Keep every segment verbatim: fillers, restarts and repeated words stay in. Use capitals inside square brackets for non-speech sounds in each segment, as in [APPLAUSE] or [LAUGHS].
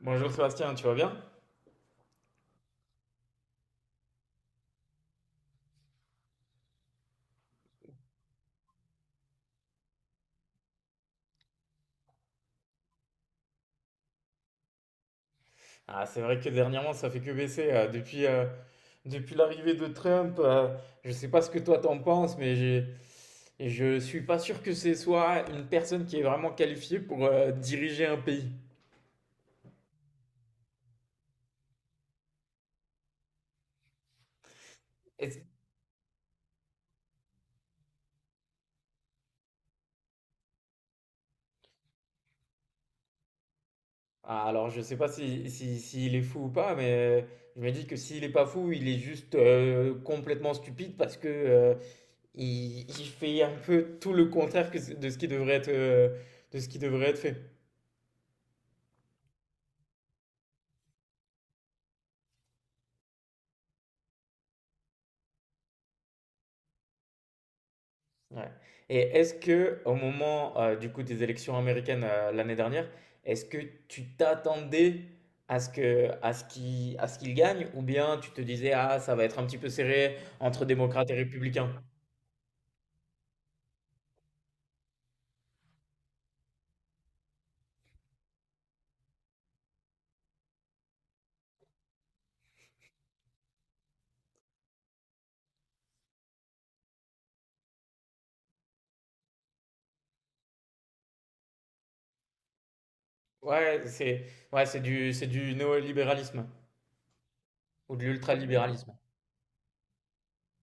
Bonjour Sébastien, tu vas bien? Ah, c'est vrai que dernièrement, ça fait que baisser. Euh, depuis euh, depuis l'arrivée de Trump, euh, je sais pas ce que toi t'en penses, mais j'ai, je suis pas sûr que ce soit une personne qui est vraiment qualifiée pour euh, diriger un pays. Est-ce- Ah, alors, je sais pas si, si, s'il est fou ou pas, mais euh, je me dis que s'il est pas fou, il est juste euh, complètement stupide parce que euh, il, il fait un peu tout le contraire que, de ce qui devrait être, euh, de ce qui devrait être fait. Ouais. Et est-ce que au moment euh, du coup des élections américaines euh, l'année dernière, est-ce que tu t'attendais à ce que à ce qu'il à ce qu'il gagne ou bien tu te disais: ah, ça va être un petit peu serré entre démocrates et républicains? Ouais, c'est, ouais, c'est du c'est du néolibéralisme ou de l'ultralibéralisme.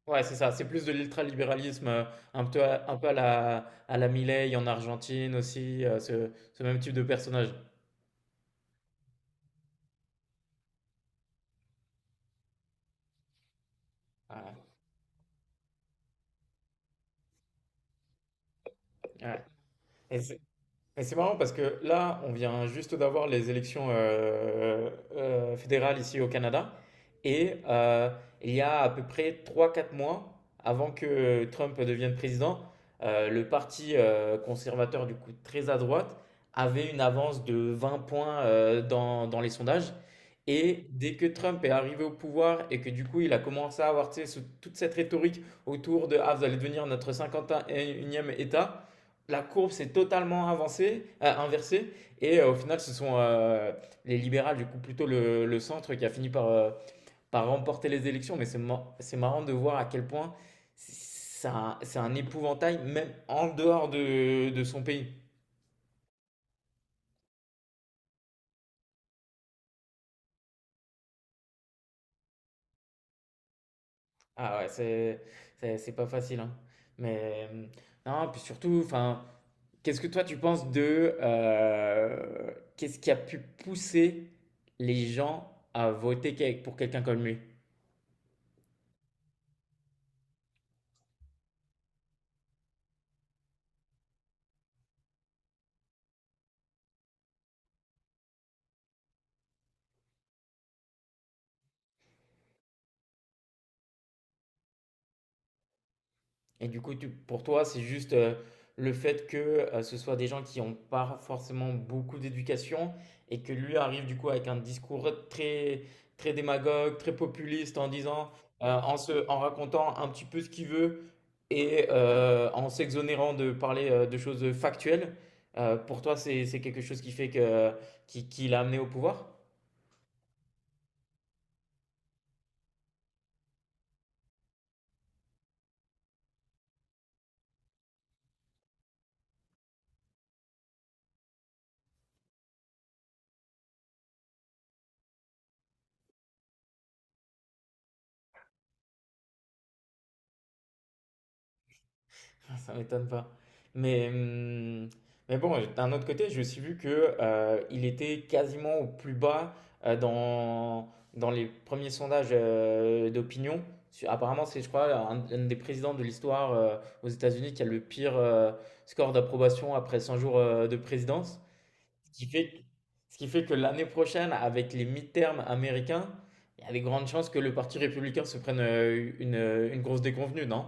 Ouais, c'est ça, c'est plus de l'ultralibéralisme euh, un peu à, un peu à la à la Milei en Argentine aussi euh, ce, ce même type de personnage. Ouais. Ouais. Et c'est- Et c'est marrant parce que là, on vient juste d'avoir les élections euh, euh, fédérales ici au Canada. Et euh, il y a à peu près trois quatre mois, avant que Trump devienne président, euh, le parti euh, conservateur, du coup très à droite, avait une avance de vingt points euh, dans, dans les sondages. Et dès que Trump est arrivé au pouvoir et que du coup il a commencé à avoir, tu sais, ce- toute cette rhétorique autour de: Ah, vous allez devenir notre cinquante et unième État, la courbe s'est totalement avancée, euh, inversée. Et euh, au final, ce sont euh, les libérales, du coup, plutôt le, le centre qui a fini par, euh, par remporter les élections. Mais c'est ma- c'est marrant de voir à quel point c'est un, c'est un épouvantail, même en dehors de, de son pays. Ah ouais, c'est c'est- c'est pas facile. Hein. Mais euh, non, puis surtout, enfin, qu'est-ce que toi tu penses de euh, qu'est-ce qui a pu pousser les gens à voter quel- pour quelqu'un comme lui? Et du coup, tu- pour toi, c'est juste euh, le fait que euh, ce soit des gens qui n'ont pas forcément beaucoup d'éducation et que lui arrive du coup avec un discours très, très démagogue, très populiste en disant, euh, en se, en racontant un petit peu ce qu'il veut et euh, en s'exonérant de parler euh, de choses factuelles. Euh, pour toi, c'est, c'est quelque chose qui fait que, qui, qui l'a amené au pouvoir? Ah, ça m'étonne pas. Mais, hum, mais bon, d'un autre côté, j'ai aussi vu que, euh, il était quasiment au plus bas euh, dans, dans les premiers sondages euh, d'opinion. Su- Apparemment, c'est, je crois, un, un des présidents de l'histoire euh, aux États-Unis qui a le pire euh, score d'approbation après cent jours euh, de présidence. Ce qui fait, que- ce qui fait que l'année prochaine, avec les midterms américains, il y a des grandes chances que le Parti républicain se prenne euh, une, une grosse déconvenue, non?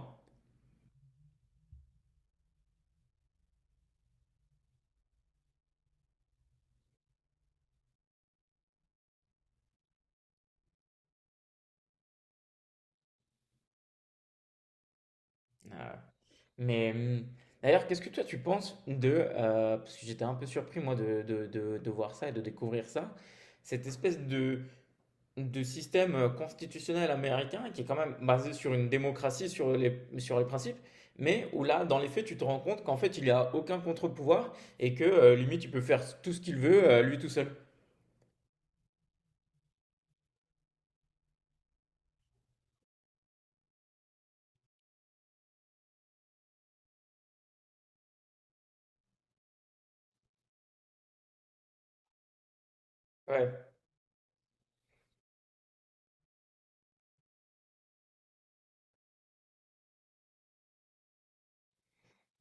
Euh, Mais hum, d'ailleurs, qu'est-ce que toi tu penses de, euh, parce que j'étais un peu surpris moi de, de- de- de voir ça et de découvrir ça, cette espèce de, de système euh, constitutionnel américain qui est quand même basé sur une démocratie, sur les, sur les principes, mais où là, dans les faits, tu te rends compte qu'en fait, il n'y a aucun contre-pouvoir et que euh, limite, il peut faire tout ce qu'il veut, euh, lui tout seul. Ouais.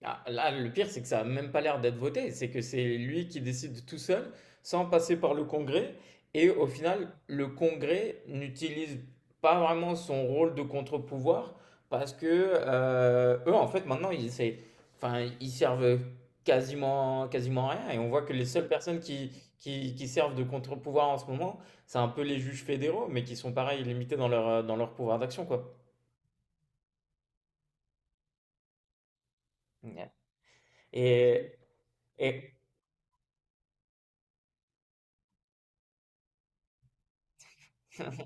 Ah, là, le pire, c'est que ça a même pas l'air d'être voté. C'est que c'est lui qui décide tout seul, sans passer par le Congrès. Et au final, le Congrès n'utilise pas vraiment son rôle de contre-pouvoir parce que euh, eux, en fait, maintenant, ils, c'est- enfin, ils servent quasiment, quasiment à rien. Et on voit que les seules personnes qui, qui, qui servent de contre-pouvoir en ce moment, c'est un peu les juges fédéraux, mais qui sont pareil, limités dans leur, dans leur pouvoir d'action, quoi. Et, et, [LAUGHS]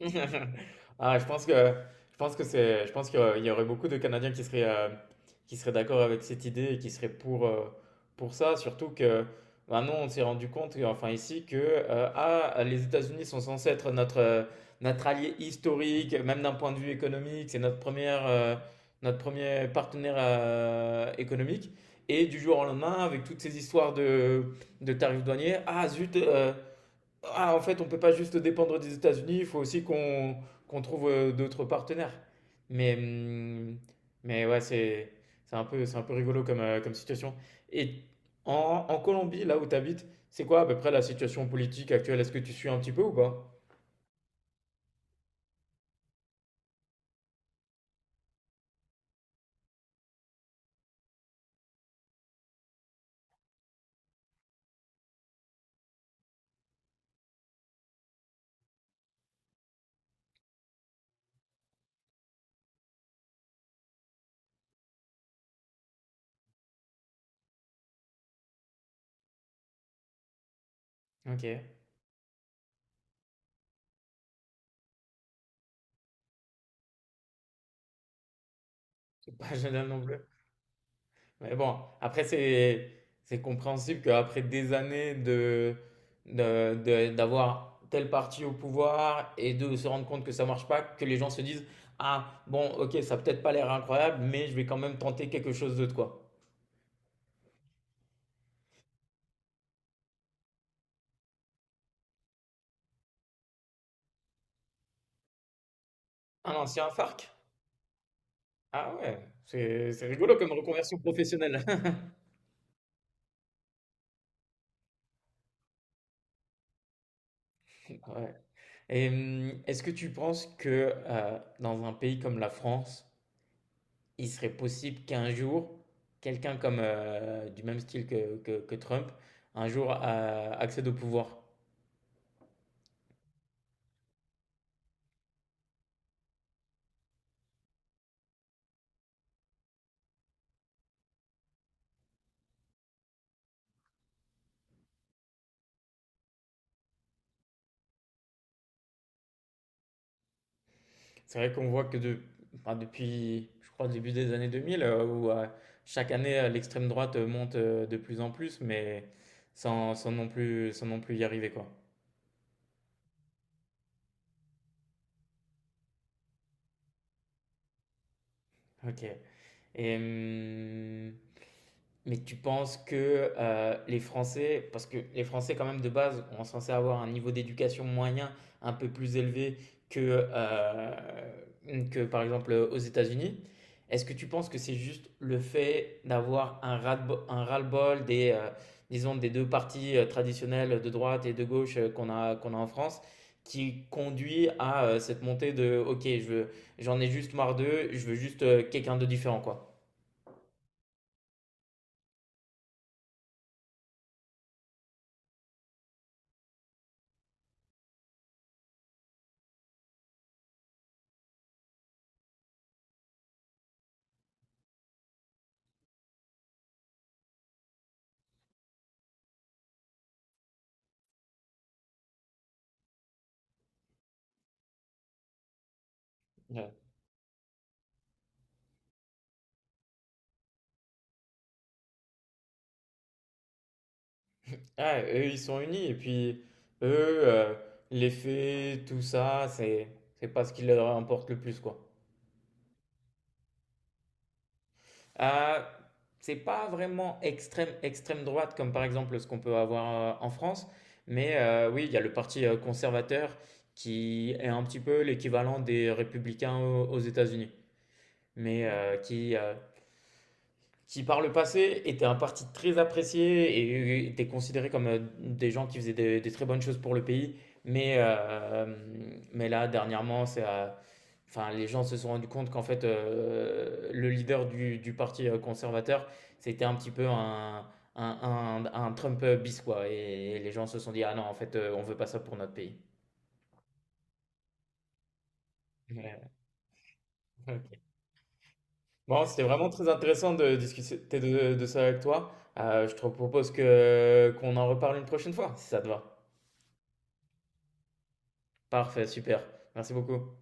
[LAUGHS] Ah, je pense que je pense que c'est je pense qu'il y aurait il y aurait beaucoup de Canadiens qui seraient euh, qui seraient d'accord avec cette idée et qui seraient pour euh, pour ça, surtout que maintenant on s'est rendu compte enfin ici que euh, ah, les États-Unis sont censés être notre euh, notre allié historique, même d'un point de vue économique, c'est notre première, euh, notre premier partenaire euh, économique, et du jour au lendemain avec toutes ces histoires de de tarifs douaniers, ah zut, euh, ah, en fait, on peut pas juste dépendre des États-Unis, il faut aussi qu'on qu'on trouve euh, d'autres partenaires. Mais, hum, mais ouais, c'est c'est un peu, c'est un peu rigolo comme, euh, comme situation. Et en, en Colombie, là où tu habites, c'est quoi à peu près la situation politique actuelle? Est-ce que tu suis un petit peu ou pas? Ok. C'est pas génial non plus. Mais bon, après, c'est c'est compréhensible qu'après des années de, de- de- d'avoir tel parti au pouvoir et de se rendre compte que ça marche pas, que les gens se disent: Ah, bon, ok, ça a peut-être pas l'air incroyable, mais je vais quand même tenter quelque chose d'autre, quoi. Un ancien FARC? Ah ouais, c'est c'est rigolo comme reconversion professionnelle. [LAUGHS] Ouais. Et hum, est-ce que tu penses que euh, dans un pays comme la France, il serait possible qu'un jour, quelqu'un comme euh, du même style que, que, que Trump, un jour euh, accède au pouvoir. C'est vrai qu'on voit que de, enfin, depuis, je crois, le début des années deux mille, euh, où euh, chaque année euh, l'extrême droite euh, monte euh, de plus en plus, mais sans, sans non plus, sans non plus y arriver, quoi. Ok. Et hum, Mais tu penses que euh, les Français, parce que les Français quand même de base, on est censé avoir un niveau d'éducation moyen un peu plus élevé que, euh, que par exemple aux États-Unis, est-ce que tu penses que c'est juste le fait d'avoir un ras-le-bol un ras-le-bol des, euh, disons, des deux partis euh, traditionnels de droite et de gauche euh, qu'on a, qu'on a en France qui conduit à euh, cette montée de: OK, je veux- j'en ai juste marre d'eux, je veux juste euh, quelqu'un de différent, quoi. Ouais. Ah, eux, ils sont unis. Et puis, eux, euh, les faits, tout ça, c'est, c'est pas ce qui leur importe le plus, quoi. Ah, c'est pas vraiment extrême, extrême droite, comme par exemple ce qu'on peut avoir euh, en France. Mais euh, oui, il y a le parti euh, conservateur qui est un petit peu l'équivalent des républicains au- aux États-Unis. Mais euh, qui, euh, qui par le passé étaient un parti très apprécié et étaient considérés comme euh, des gens qui faisaient des, des très bonnes choses pour le pays. Mais, euh, mais là, dernièrement, c'est, euh, enfin, les gens se sont rendus compte qu'en fait, euh, le leader du, du parti euh, conservateur, c'était un petit peu un, un, un, un Trump bis, quoi. Et, les gens se sont dit: ah non, en fait, euh, on veut pas ça pour notre pays. Ouais. Bon, c'était vraiment très intéressant de discuter de, de ça avec toi. Euh, je te propose que qu'on en reparle une prochaine fois, si ça te va. Parfait, super. Merci beaucoup.